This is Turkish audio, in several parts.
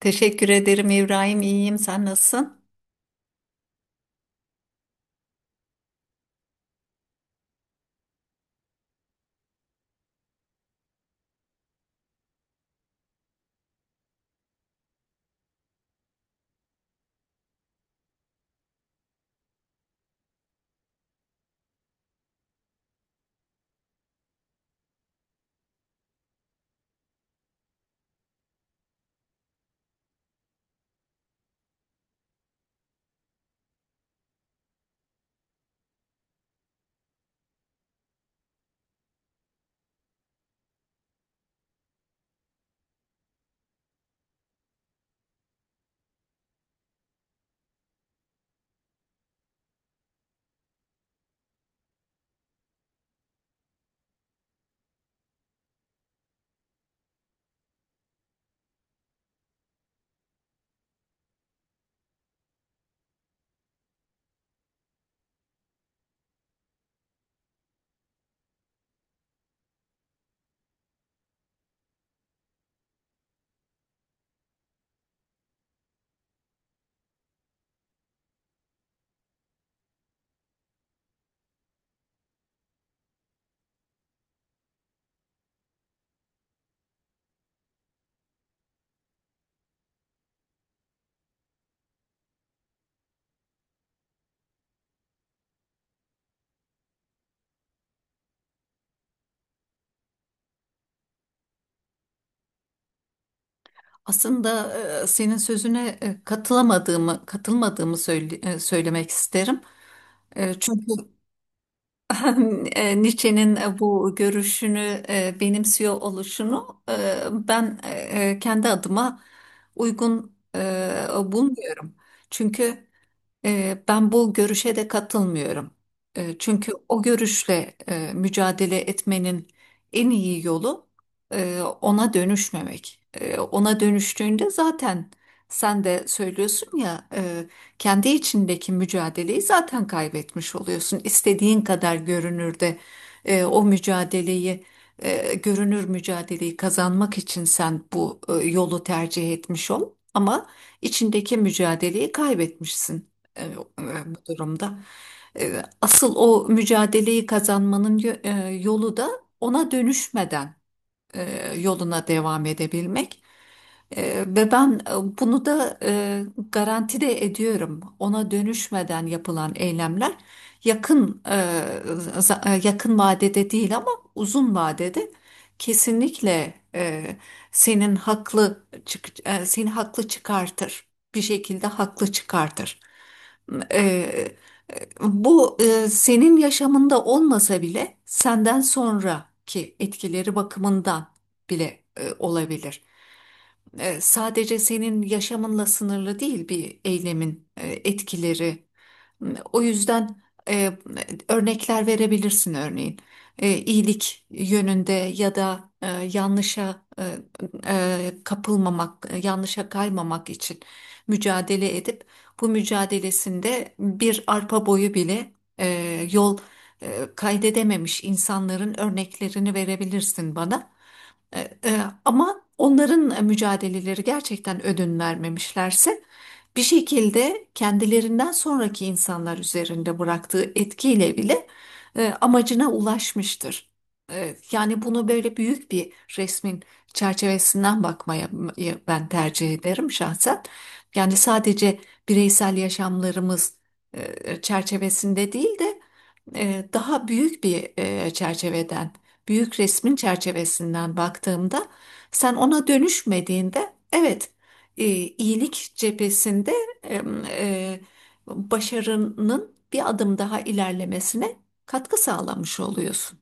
Teşekkür ederim İbrahim. İyiyim. Sen nasılsın? Aslında senin sözüne katılmadığımı söylemek isterim. Çünkü Nietzsche'nin bu görüşünü benimsiyor oluşunu kendi adıma uygun bulmuyorum. Çünkü Ben bu görüşe de katılmıyorum. Çünkü o görüşle mücadele etmenin en iyi yolu ona dönüşmemek. Ona dönüştüğünde zaten sen de söylüyorsun ya, kendi içindeki mücadeleyi zaten kaybetmiş oluyorsun. İstediğin kadar görünür de o mücadeleyi görünür mücadeleyi kazanmak için sen bu yolu tercih etmiş ol ama içindeki mücadeleyi kaybetmişsin e, e, bu durumda. Asıl o mücadeleyi kazanmanın yolu da ona dönüşmeden yoluna devam edebilmek. Ve ben bunu da garanti de ediyorum. Ona dönüşmeden yapılan eylemler yakın e, za- e, yakın vadede değil ama uzun vadede kesinlikle seni haklı çıkartır. Bir şekilde haklı çıkartır. E, Bu senin yaşamında olmasa bile senden sonraki etkileri bakımından bile olabilir, sadece senin yaşamınla sınırlı değil bir eylemin etkileri. O yüzden e, örnekler verebilirsin örneğin. İyilik yönünde ya da yanlışa kapılmamak, yanlışa kaymamak için mücadele edip bu mücadelesinde bir arpa boyu bile e, yol kaydedememiş insanların örneklerini verebilirsin bana. Ama onların mücadeleleri gerçekten ödün vermemişlerse bir şekilde kendilerinden sonraki insanlar üzerinde bıraktığı etkiyle bile amacına ulaşmıştır. Yani bunu böyle büyük bir resmin çerçevesinden bakmaya ben tercih ederim şahsen. Yani sadece bireysel yaşamlarımız çerçevesinde değil de daha büyük bir çerçeveden, büyük resmin çerçevesinden baktığımda sen ona dönüşmediğinde evet, iyilik cephesinde e, e, başarının bir adım daha ilerlemesine katkı sağlamış oluyorsun.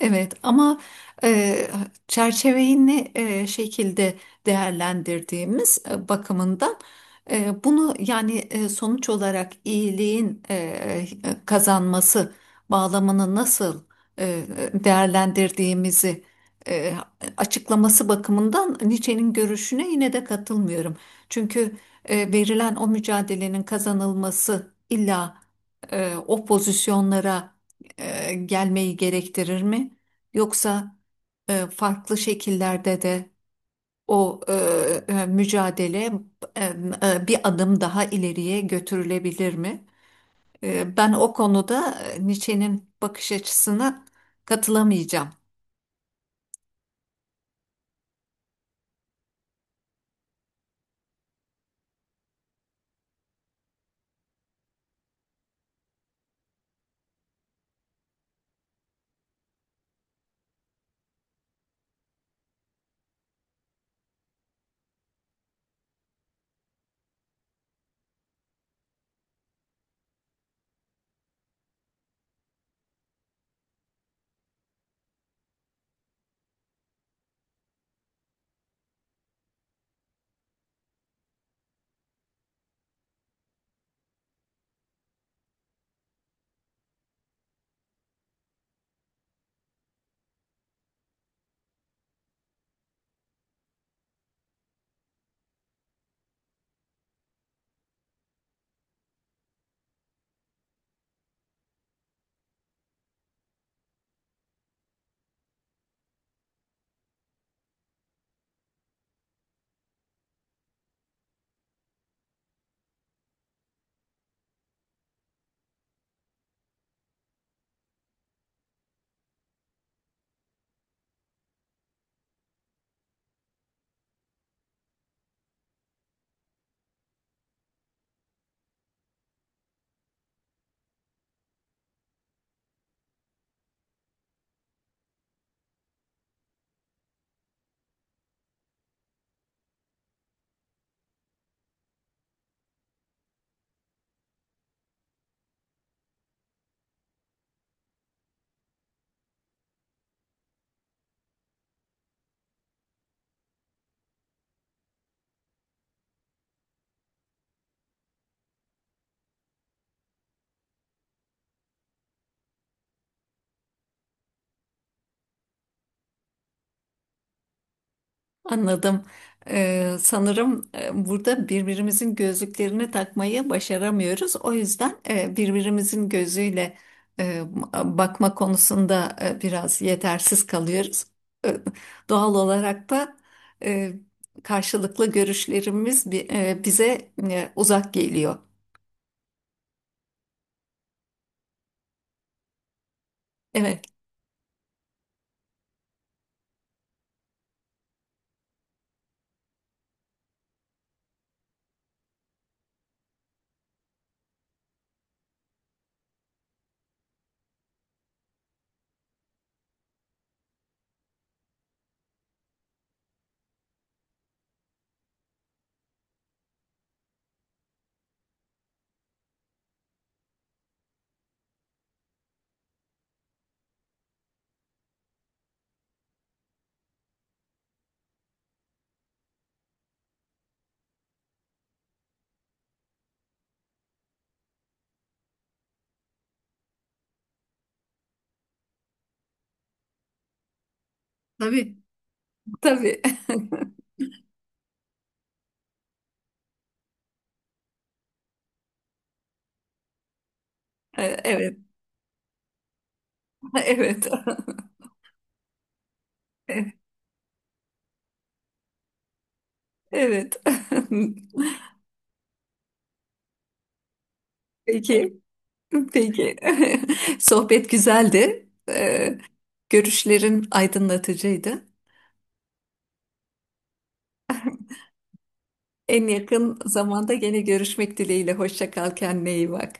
Evet ama e, çerçeveyi ne şekilde değerlendirdiğimiz bakımından bunu yani sonuç olarak iyiliğin kazanması bağlamını nasıl e, değerlendirdiğimizi e, açıklaması bakımından Nietzsche'nin görüşüne yine de katılmıyorum. Çünkü verilen o mücadelenin kazanılması illa o pozisyonlara gelmeyi gerektirir mi? Yoksa farklı şekillerde de o mücadele e, bir adım daha ileriye götürülebilir mi? Ben o konuda Nietzsche'nin bakış açısına katılamayacağım. Anladım. Sanırım burada birbirimizin gözlüklerini takmayı başaramıyoruz. O yüzden birbirimizin gözüyle e, bakma konusunda biraz yetersiz kalıyoruz. E, Doğal olarak da e, karşılıklı görüşlerimiz bize uzak geliyor. Evet, tabii, tabii. Evet. Evet. Evet. Peki. Peki. Sohbet güzeldi. Görüşlerin aydınlatıcıydı. En yakın zamanda gene görüşmek dileğiyle. Hoşça kal, kendine iyi bak.